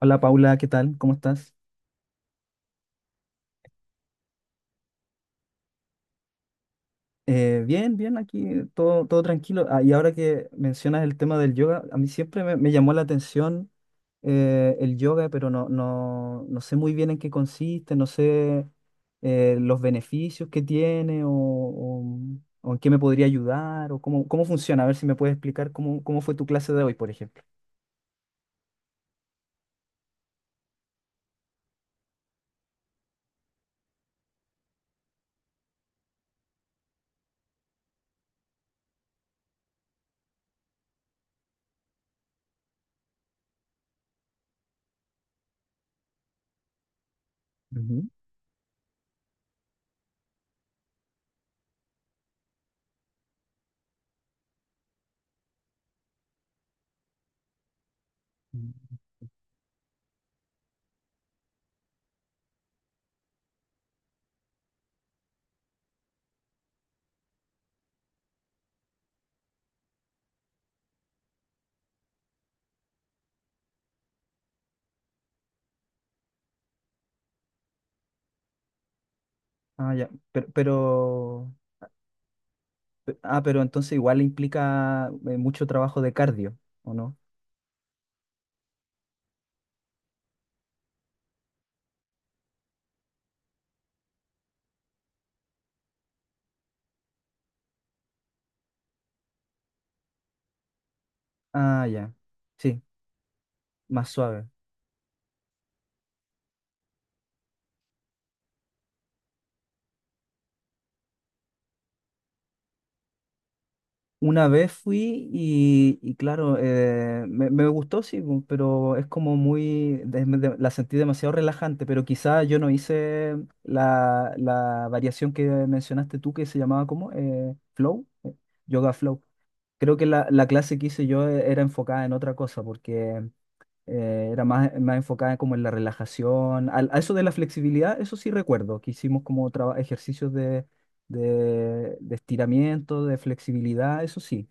Hola Paula, ¿qué tal? ¿Cómo estás? Bien, bien, aquí todo tranquilo. Ah, y ahora que mencionas el tema del yoga, a mí siempre me llamó la atención el yoga, pero no, no, no sé muy bien en qué consiste, no sé los beneficios que tiene o en qué me podría ayudar o cómo funciona. A ver si me puedes explicar cómo fue tu clase de hoy, por ejemplo. Ujú. Mm. Ah, ya, pero entonces igual implica mucho trabajo de cardio, ¿o no? Ah, ya. Sí, más suave. Una vez fui y claro, me gustó, sí, pero es como la sentí demasiado relajante, pero quizá yo no hice la variación que mencionaste tú que se llamaba como flow, yoga flow. Creo que la clase que hice yo era enfocada en otra cosa, porque era más enfocada como en la relajación, a eso de la flexibilidad, eso sí recuerdo, que hicimos como ejercicios de estiramiento, de flexibilidad, eso sí,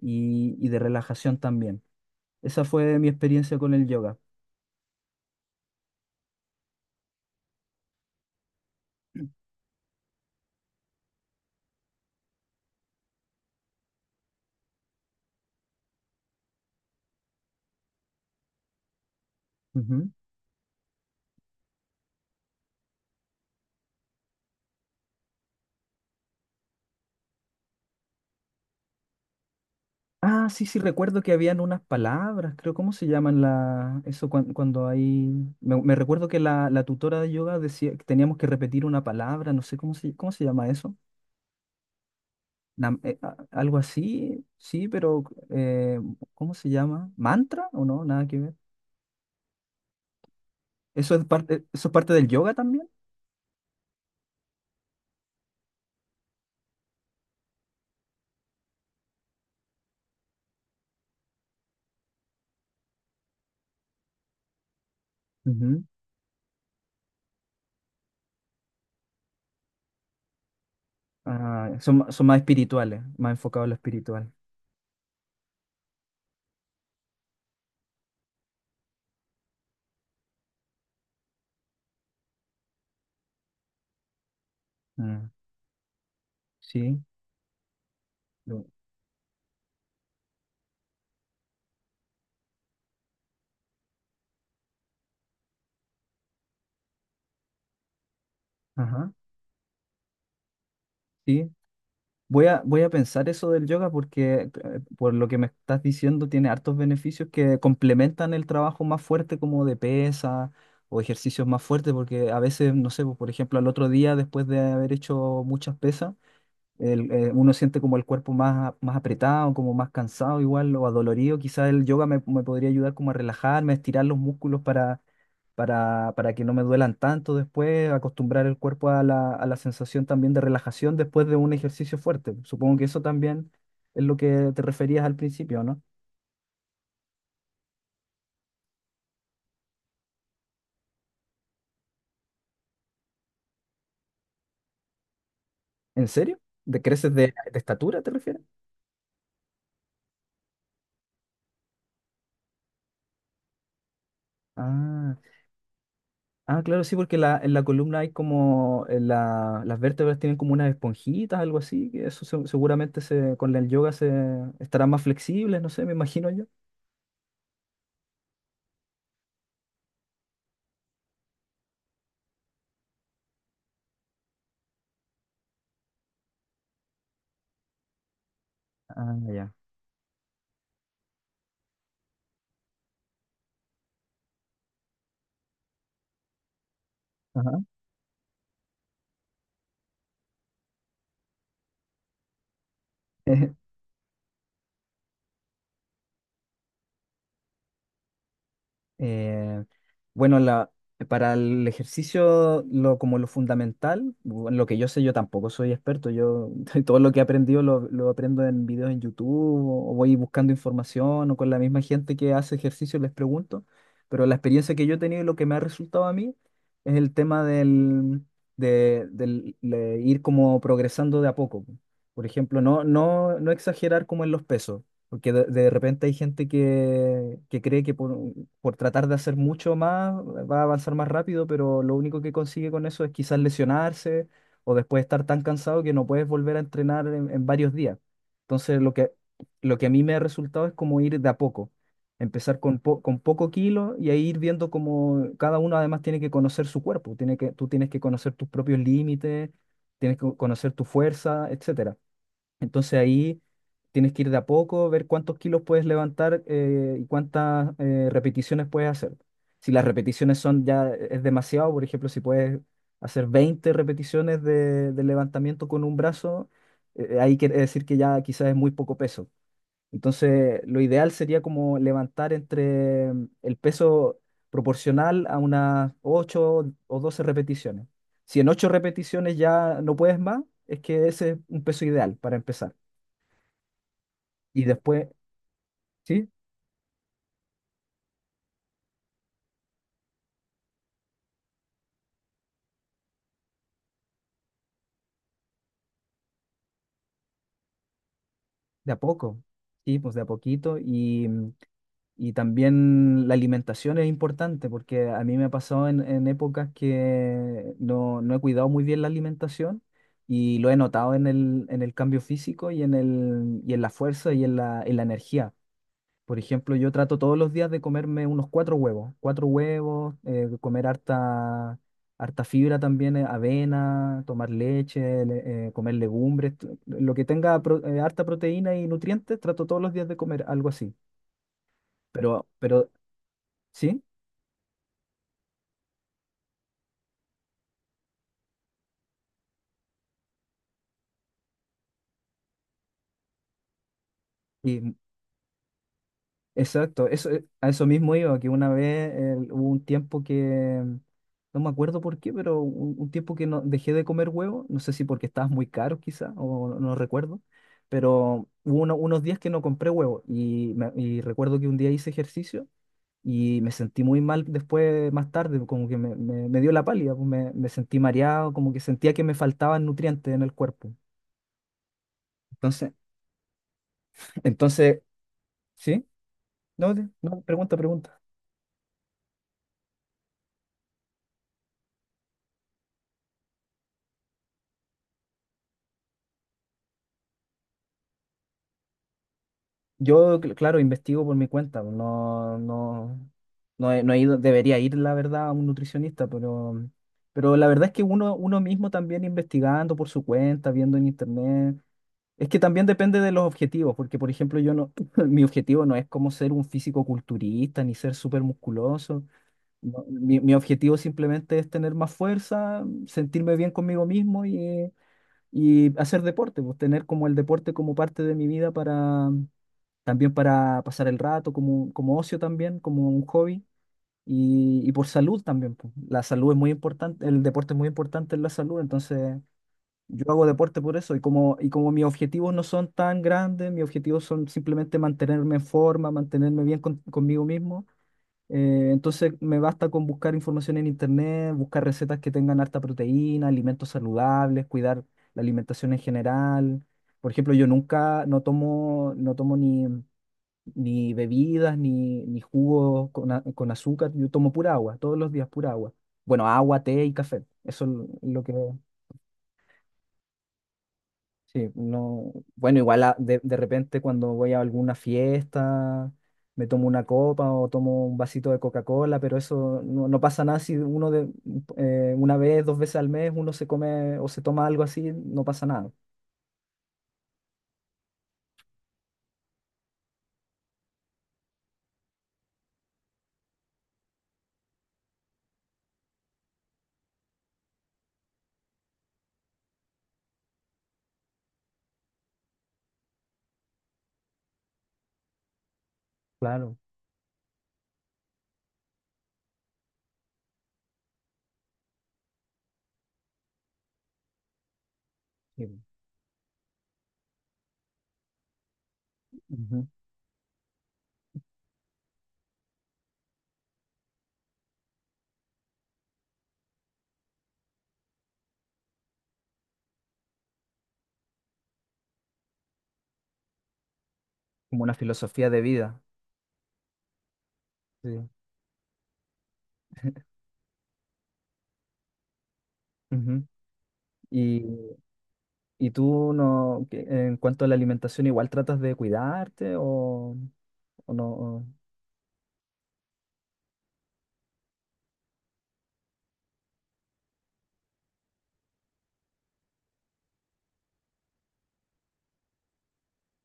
y de relajación también. Esa fue mi experiencia con el yoga. Ujú. Ah, sí, sí, recuerdo que habían unas palabras, creo, ¿cómo se llaman cuando hay… Me recuerdo que la tutora de yoga decía que teníamos que repetir una palabra, no sé cómo se llama eso. Algo así, sí, pero eh, ¿cómo se llama? ¿Mantra o no? Nada que ver. ¿Eso es parte del yoga también? Ujú. Ah, son más espirituales, más enfocados en lo espiritual. Mm, sí, lo- ajá, sí. Voy a pensar eso del yoga porque por lo que me estás diciendo tiene hartos beneficios que complementan el trabajo más fuerte como de pesa o ejercicios más fuertes porque a veces, no sé, pues, por ejemplo, al otro día después de haber hecho muchas pesas, uno siente como el cuerpo más apretado, como más cansado igual o adolorido. Quizás el yoga me podría ayudar como a relajarme, a estirar los músculos para que no me duelan tanto después, acostumbrar el cuerpo a la sensación también de relajación después de un ejercicio fuerte. Supongo que eso también es lo que te referías al principio, ¿no? ¿En serio? ¿De creces de estatura te refieres? Ah. Ah, claro, sí, porque en la columna hay como las vértebras tienen como unas esponjitas, algo así, que seguramente con el yoga se estarán más flexibles, no sé, me imagino yo. Ah, ya. Ajá. Eh, bueno, para el ejercicio, como lo fundamental, bueno, lo que yo sé, yo tampoco soy experto. Yo todo lo que he aprendido lo aprendo en videos en YouTube o voy buscando información o con la misma gente que hace ejercicio les pregunto. Pero la experiencia que yo he tenido y lo que me ha resultado a mí es el tema de ir como progresando de a poco. Por ejemplo, no, no, no exagerar como en los pesos. Porque de repente hay gente que cree que por tratar de hacer mucho más va a avanzar más rápido, pero lo único que consigue con eso es quizás lesionarse o después estar tan cansado que no puedes volver a entrenar en varios días. Entonces, lo que a mí me ha resultado es como ir de a poco, empezar con poco kilo y ahí ir viendo cómo cada uno además tiene que conocer su cuerpo, tú tienes que conocer tus propios límites, tienes que conocer tu fuerza, etcétera, entonces ahí tienes que ir de a poco, ver cuántos kilos puedes levantar y cuántas repeticiones puedes hacer. Si las repeticiones son ya es demasiado, por ejemplo, si puedes hacer 20 repeticiones de levantamiento con un brazo, ahí quiere decir que ya quizás es muy poco peso. Entonces, lo ideal sería como levantar entre el peso proporcional a unas 8 o 12 repeticiones. Si en 8 repeticiones ya no puedes más, es que ese es un peso ideal para empezar. Y después, sí, de a poco, sí, pues de a poquito. Y también la alimentación es importante porque a mí me ha pasado en épocas que no, no he cuidado muy bien la alimentación y lo he notado en el cambio físico y y en la fuerza y en la energía. Por ejemplo, yo trato todos los días de comerme unos cuatro huevos, comer harta, harta fibra también, avena, tomar leche, comer legumbres, lo que tenga harta proteína y nutrientes, trato todos los días de comer algo así. Pero, ¿sí? Exacto, eso, a eso mismo iba, que una vez hubo un tiempo que, no me acuerdo por qué, pero un tiempo que no, dejé de comer huevo, no sé si porque estabas muy caro quizá, o no, no recuerdo, pero hubo unos días que no compré huevo y recuerdo que un día hice ejercicio y me sentí muy mal después, más tarde, como que me dio la pálida, pues, me sentí mareado, como que sentía que me faltaban nutrientes en el cuerpo. Entonces, entonces, ¿sí? No, no, pregunta, pregunta. Yo, claro, investigo por mi cuenta, pues, no, no, no he, no he ido, debería ir, la verdad, a un nutricionista, pero, la verdad es que uno mismo también investigando por su cuenta, viendo en internet, es que también depende de los objetivos, porque por ejemplo yo no, mi objetivo no es como ser un físico culturista, ni ser súper musculoso, no, mi objetivo simplemente es tener más fuerza, sentirme bien conmigo mismo y hacer deporte, pues tener como el deporte como parte de mi vida para también para pasar el rato, como ocio también, como un hobby, y por salud también. Po. La salud es muy importante, el deporte es muy importante en la salud, entonces yo hago deporte por eso, y como mis objetivos no son tan grandes, mis objetivos son simplemente mantenerme en forma, mantenerme bien conmigo mismo. Entonces me basta con buscar información en internet, buscar recetas que tengan harta proteína, alimentos saludables, cuidar la alimentación en general. Por ejemplo, yo nunca no tomo, no tomo ni bebidas, ni jugos con azúcar. Yo tomo pura agua, todos los días pura agua. Bueno, agua, té y café. Eso es lo que… Sí, no. Bueno, igual de repente cuando voy a alguna fiesta, me tomo una copa o tomo un vasito de Coca-Cola, pero eso no, no pasa nada si una vez, dos veces al mes, uno se come o se toma algo así, no pasa nada. Claro, sí. Ujú. Como una filosofía de vida. Sí. Ujú. ¿Y tú no, en cuanto a la alimentación, igual tratas de cuidarte o, no? o-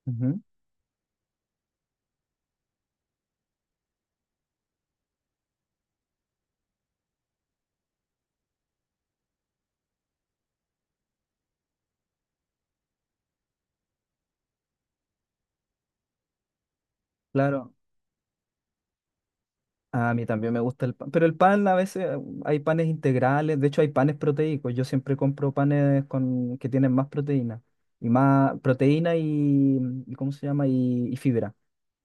Ujú. Claro, a mí también me gusta el pan, pero el pan a veces hay panes integrales, de hecho hay panes proteicos, yo siempre compro panes que tienen más proteína, y más proteína y ¿cómo se llama? Y fibra.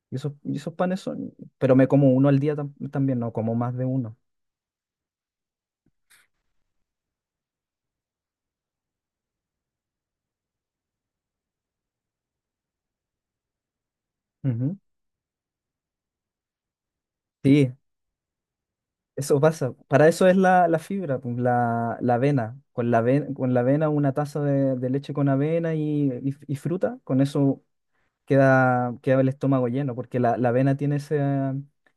Y esos panes pero me como uno al día también, no como más de uno. Ujú. Sí, eso pasa. Para eso es la fibra, pues, la avena. Con la avena una taza de leche con avena y fruta, con eso queda el estómago lleno, porque la avena tiene esa,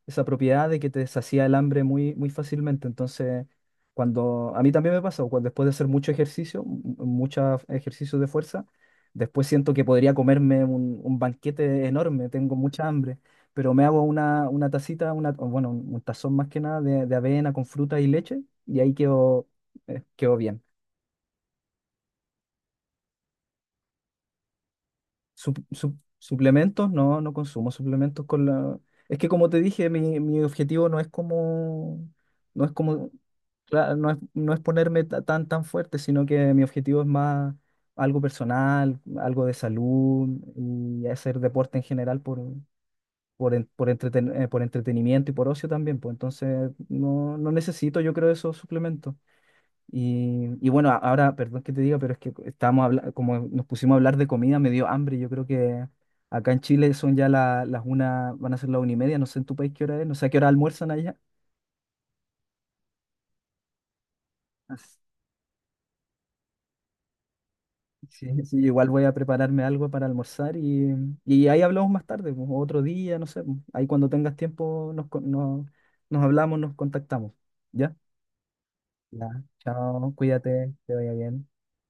esa propiedad de que te sacia el hambre muy, muy fácilmente. Entonces, cuando a mí también me pasó, cuando después de hacer mucho ejercicio, muchos ejercicios de fuerza, después siento que podría comerme un banquete enorme, tengo mucha hambre, pero me hago una tacita, o bueno, un tazón más que nada de avena con fruta y leche, y ahí quedo quedó bien. Suplementos, no, no consumo suplementos con la… Es que como te dije, mi objetivo no es como, no es como, no es ponerme tan, tan fuerte, sino que mi objetivo es más algo personal, algo de salud y hacer deporte en general por entretenimiento y por ocio también, pues entonces no, no necesito yo creo esos suplementos. Y bueno, ahora, perdón que te diga, pero es que estábamos como nos pusimos a hablar de comida, me dio hambre. Yo creo que acá en Chile son ya las 1, van a ser las 1:30, no sé en tu país qué hora es, no sé a qué hora almuerzan allá. As- Sí, sí, igual voy a prepararme algo para almorzar y ahí hablamos más tarde, pues, otro día, no sé, pues, ahí cuando tengas tiempo nos hablamos, nos contactamos, ¿ya? Ya, chao, cuídate, te vaya bien.